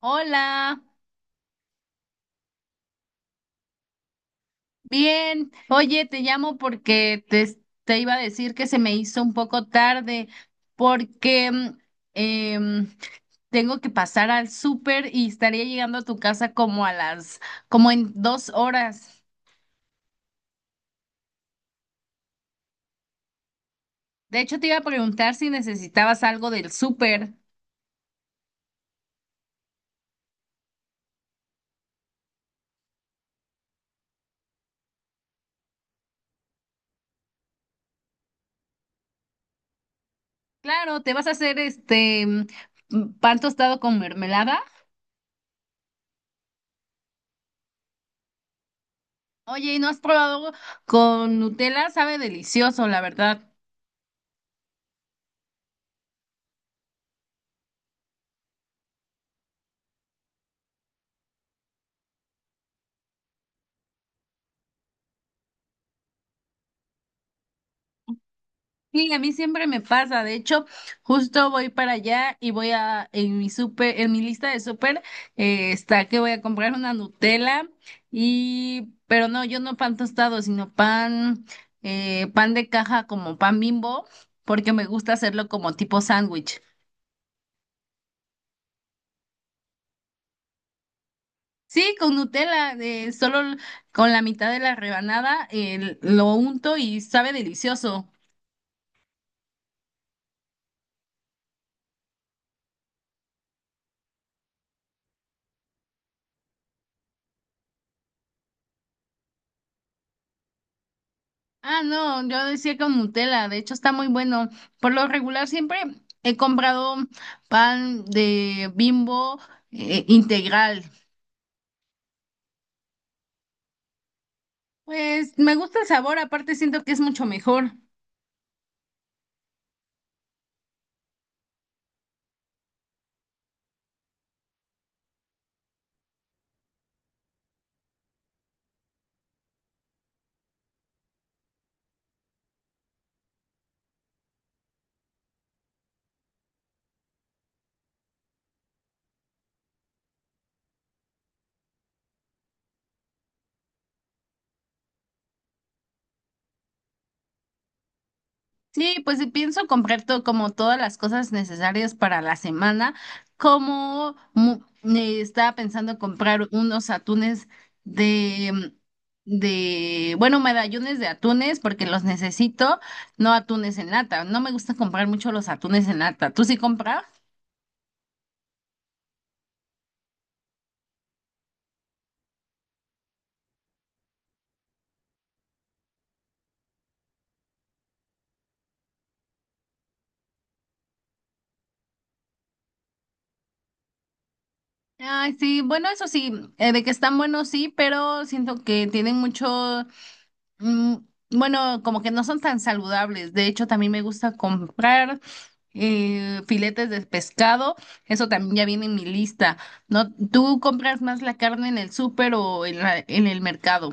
Hola, bien. Oye, te llamo porque te iba a decir que se me hizo un poco tarde porque em, tengo que pasar al súper y estaría llegando a tu casa como en 2 horas. De hecho, te iba a preguntar si necesitabas algo del súper. Claro, ¿te vas a hacer este pan tostado con mermelada? Oye, ¿y no has probado con Nutella? Sabe delicioso, la verdad. Sí, a mí siempre me pasa. De hecho, justo voy para allá y voy a, en mi súper, en mi lista de súper, está que voy a comprar una Nutella y, pero no, yo no pan tostado, sino pan de caja como pan Bimbo, porque me gusta hacerlo como tipo sándwich. Sí, con Nutella, solo con la mitad de la rebanada, lo unto y sabe delicioso. Ah, no, yo decía con Nutella, de hecho está muy bueno. Por lo regular siempre he comprado pan de Bimbo integral. Pues me gusta el sabor, aparte siento que es mucho mejor. Sí, pues sí, pienso comprar todo, como todas las cosas necesarias para la semana, como estaba pensando comprar unos atunes de, bueno, medallones de atunes porque los necesito, no atunes en lata. No me gusta comprar mucho los atunes en lata. ¿Tú sí compras? Ay, sí, bueno, eso sí, de que están buenos, sí, pero siento que tienen Mm, bueno, como que no son tan saludables. De hecho, también me gusta comprar filetes de pescado. Eso también ya viene en mi lista. ¿No? ¿Tú compras más la carne en el súper o en en el mercado?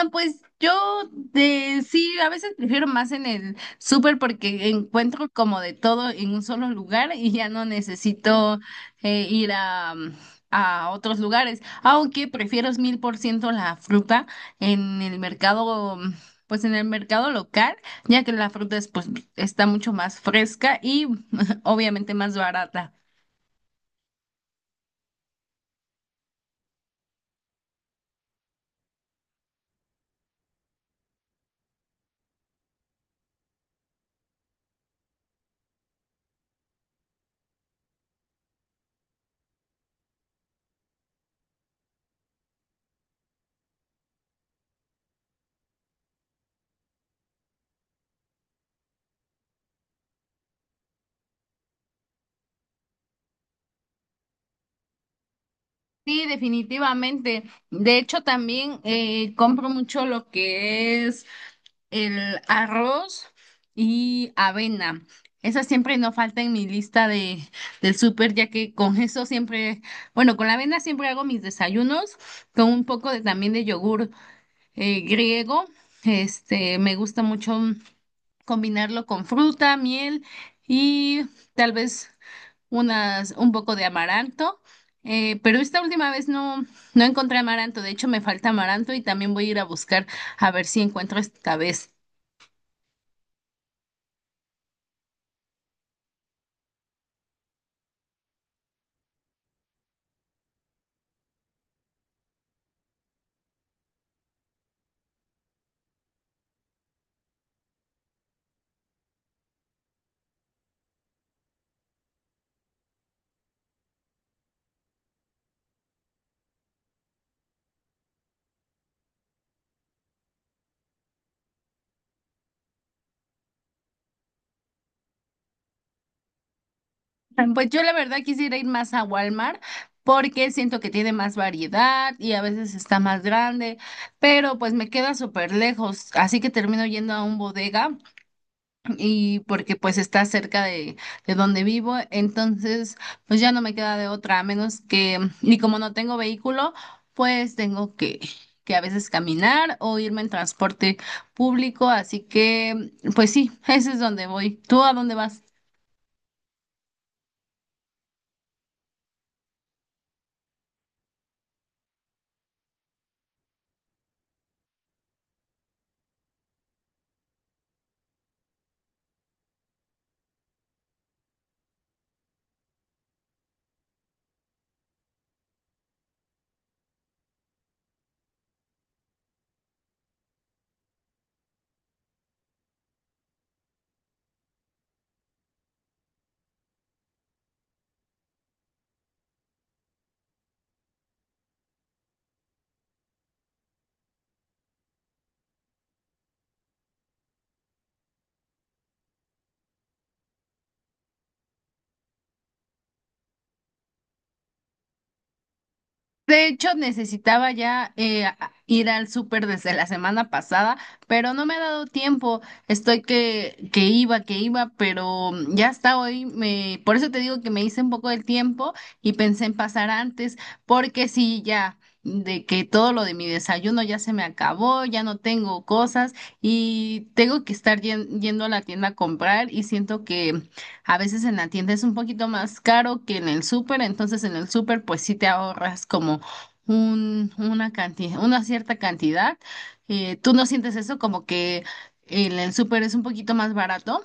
Ah, pues yo de sí, a veces prefiero más en el súper porque encuentro como de todo en un solo lugar y ya no necesito ir a otros lugares. Aunque prefiero 1000% la fruta en el mercado, pues en el mercado local, ya que la fruta es, pues, está mucho más fresca y obviamente más barata. Sí, definitivamente. De hecho, también compro mucho lo que es el arroz y avena. Esa siempre no falta en mi lista de, del súper, ya que con eso siempre, bueno, con la avena siempre hago mis desayunos, con un poco de, también de yogur griego. Este, me gusta mucho combinarlo con fruta, miel y tal vez un poco de amaranto. Pero esta última vez no, no encontré amaranto, de hecho me falta amaranto y también voy a ir a buscar a ver si encuentro esta vez. Pues yo la verdad quisiera ir más a Walmart porque siento que tiene más variedad y a veces está más grande, pero pues me queda súper lejos, así que termino yendo a un bodega y porque pues está cerca de donde vivo, entonces pues ya no me queda de otra, a menos que, y como no tengo vehículo, pues tengo que a veces caminar o irme en transporte público, así que pues sí, ese es donde voy. ¿Tú a dónde vas? De hecho, necesitaba ya ir al súper desde la semana pasada, pero no me ha dado tiempo. Estoy que iba, pero ya hasta hoy. Por eso te digo que me hice un poco del tiempo y pensé en pasar antes, porque sí, ya, de que todo lo de mi desayuno ya se me acabó, ya no tengo cosas y tengo que estar yendo a la tienda a comprar y siento que a veces en la tienda es un poquito más caro que en el súper, entonces en el súper pues sí te ahorras como una cantidad, una cierta cantidad. ¿Tú no sientes eso como que el súper es un poquito más barato?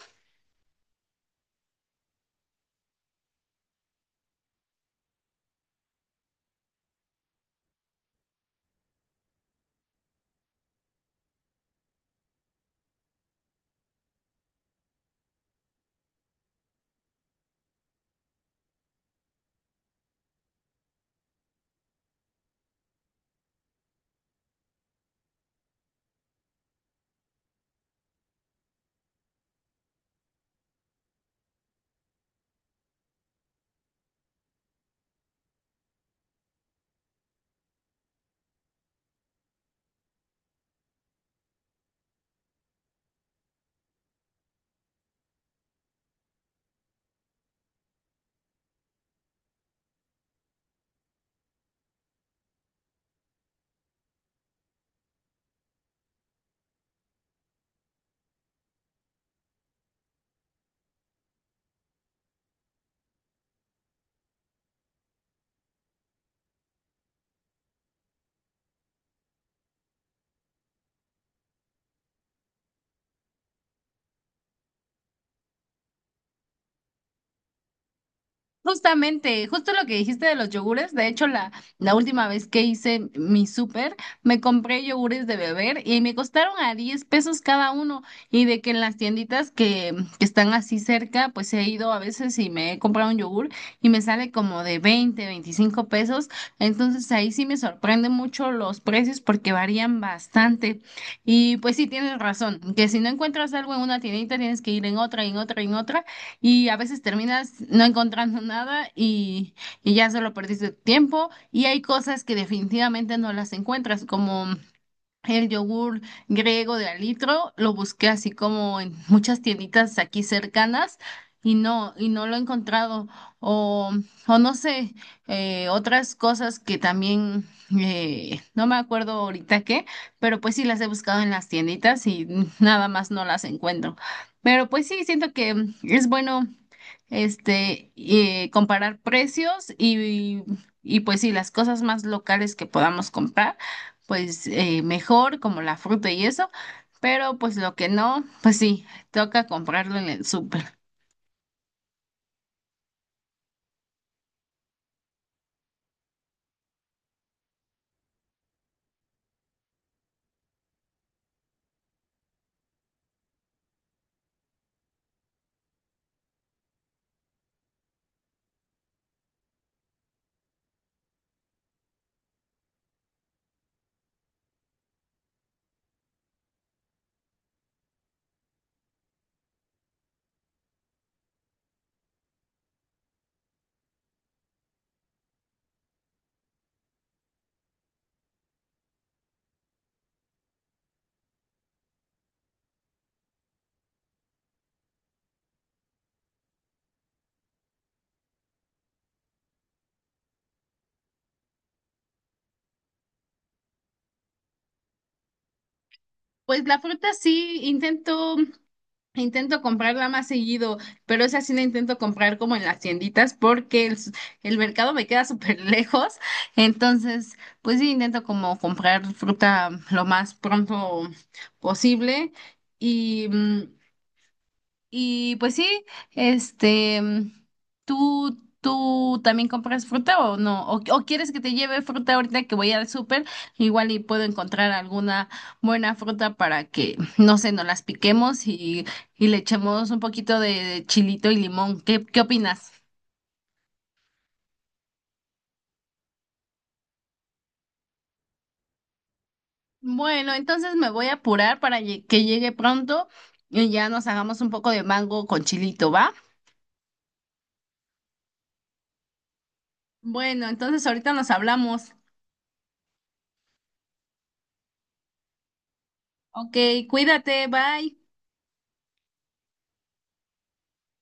Justamente, justo lo que dijiste de los yogures, de hecho la última vez que hice mi súper, me compré yogures de beber y me costaron a 10 pesos cada uno y de que en las tienditas que están así cerca, pues he ido a veces y me he comprado un yogur y me sale como de 20, 25 pesos, entonces ahí sí me sorprende mucho los precios porque varían bastante y pues sí tienes razón, que si no encuentras algo en una tiendita tienes que ir en otra, en otra, en otra y a veces terminas no encontrando nada y, y ya solo perdiste tiempo y hay cosas que definitivamente no las encuentras, como el yogur griego de alitro lo busqué así como en muchas tienditas aquí cercanas y no lo he encontrado. O, o no sé, otras cosas que también no me acuerdo ahorita qué, pero pues sí las he buscado en las tienditas y nada más no las encuentro. Pero pues sí, siento que es bueno comparar precios y pues sí, las cosas más locales que podamos comprar pues mejor, como la fruta y eso, pero pues lo que no, pues sí, toca comprarlo en el súper. Pues la fruta sí, intento, intento comprarla más seguido, pero esa sí la intento comprar como en las tienditas porque el mercado me queda súper lejos, entonces pues sí intento como comprar fruta lo más pronto posible y... y pues sí, este, ¿tú también compras fruta o no? ¿O quieres que te lleve fruta ahorita que voy al súper? Igual y puedo encontrar alguna buena fruta para que, no sé, nos las piquemos y le echemos un poquito de chilito y limón. ¿Qué opinas? Bueno, entonces me voy a apurar para que llegue pronto y ya nos hagamos un poco de mango con chilito, ¿va? Bueno, entonces ahorita nos hablamos. Ok, cuídate, bye.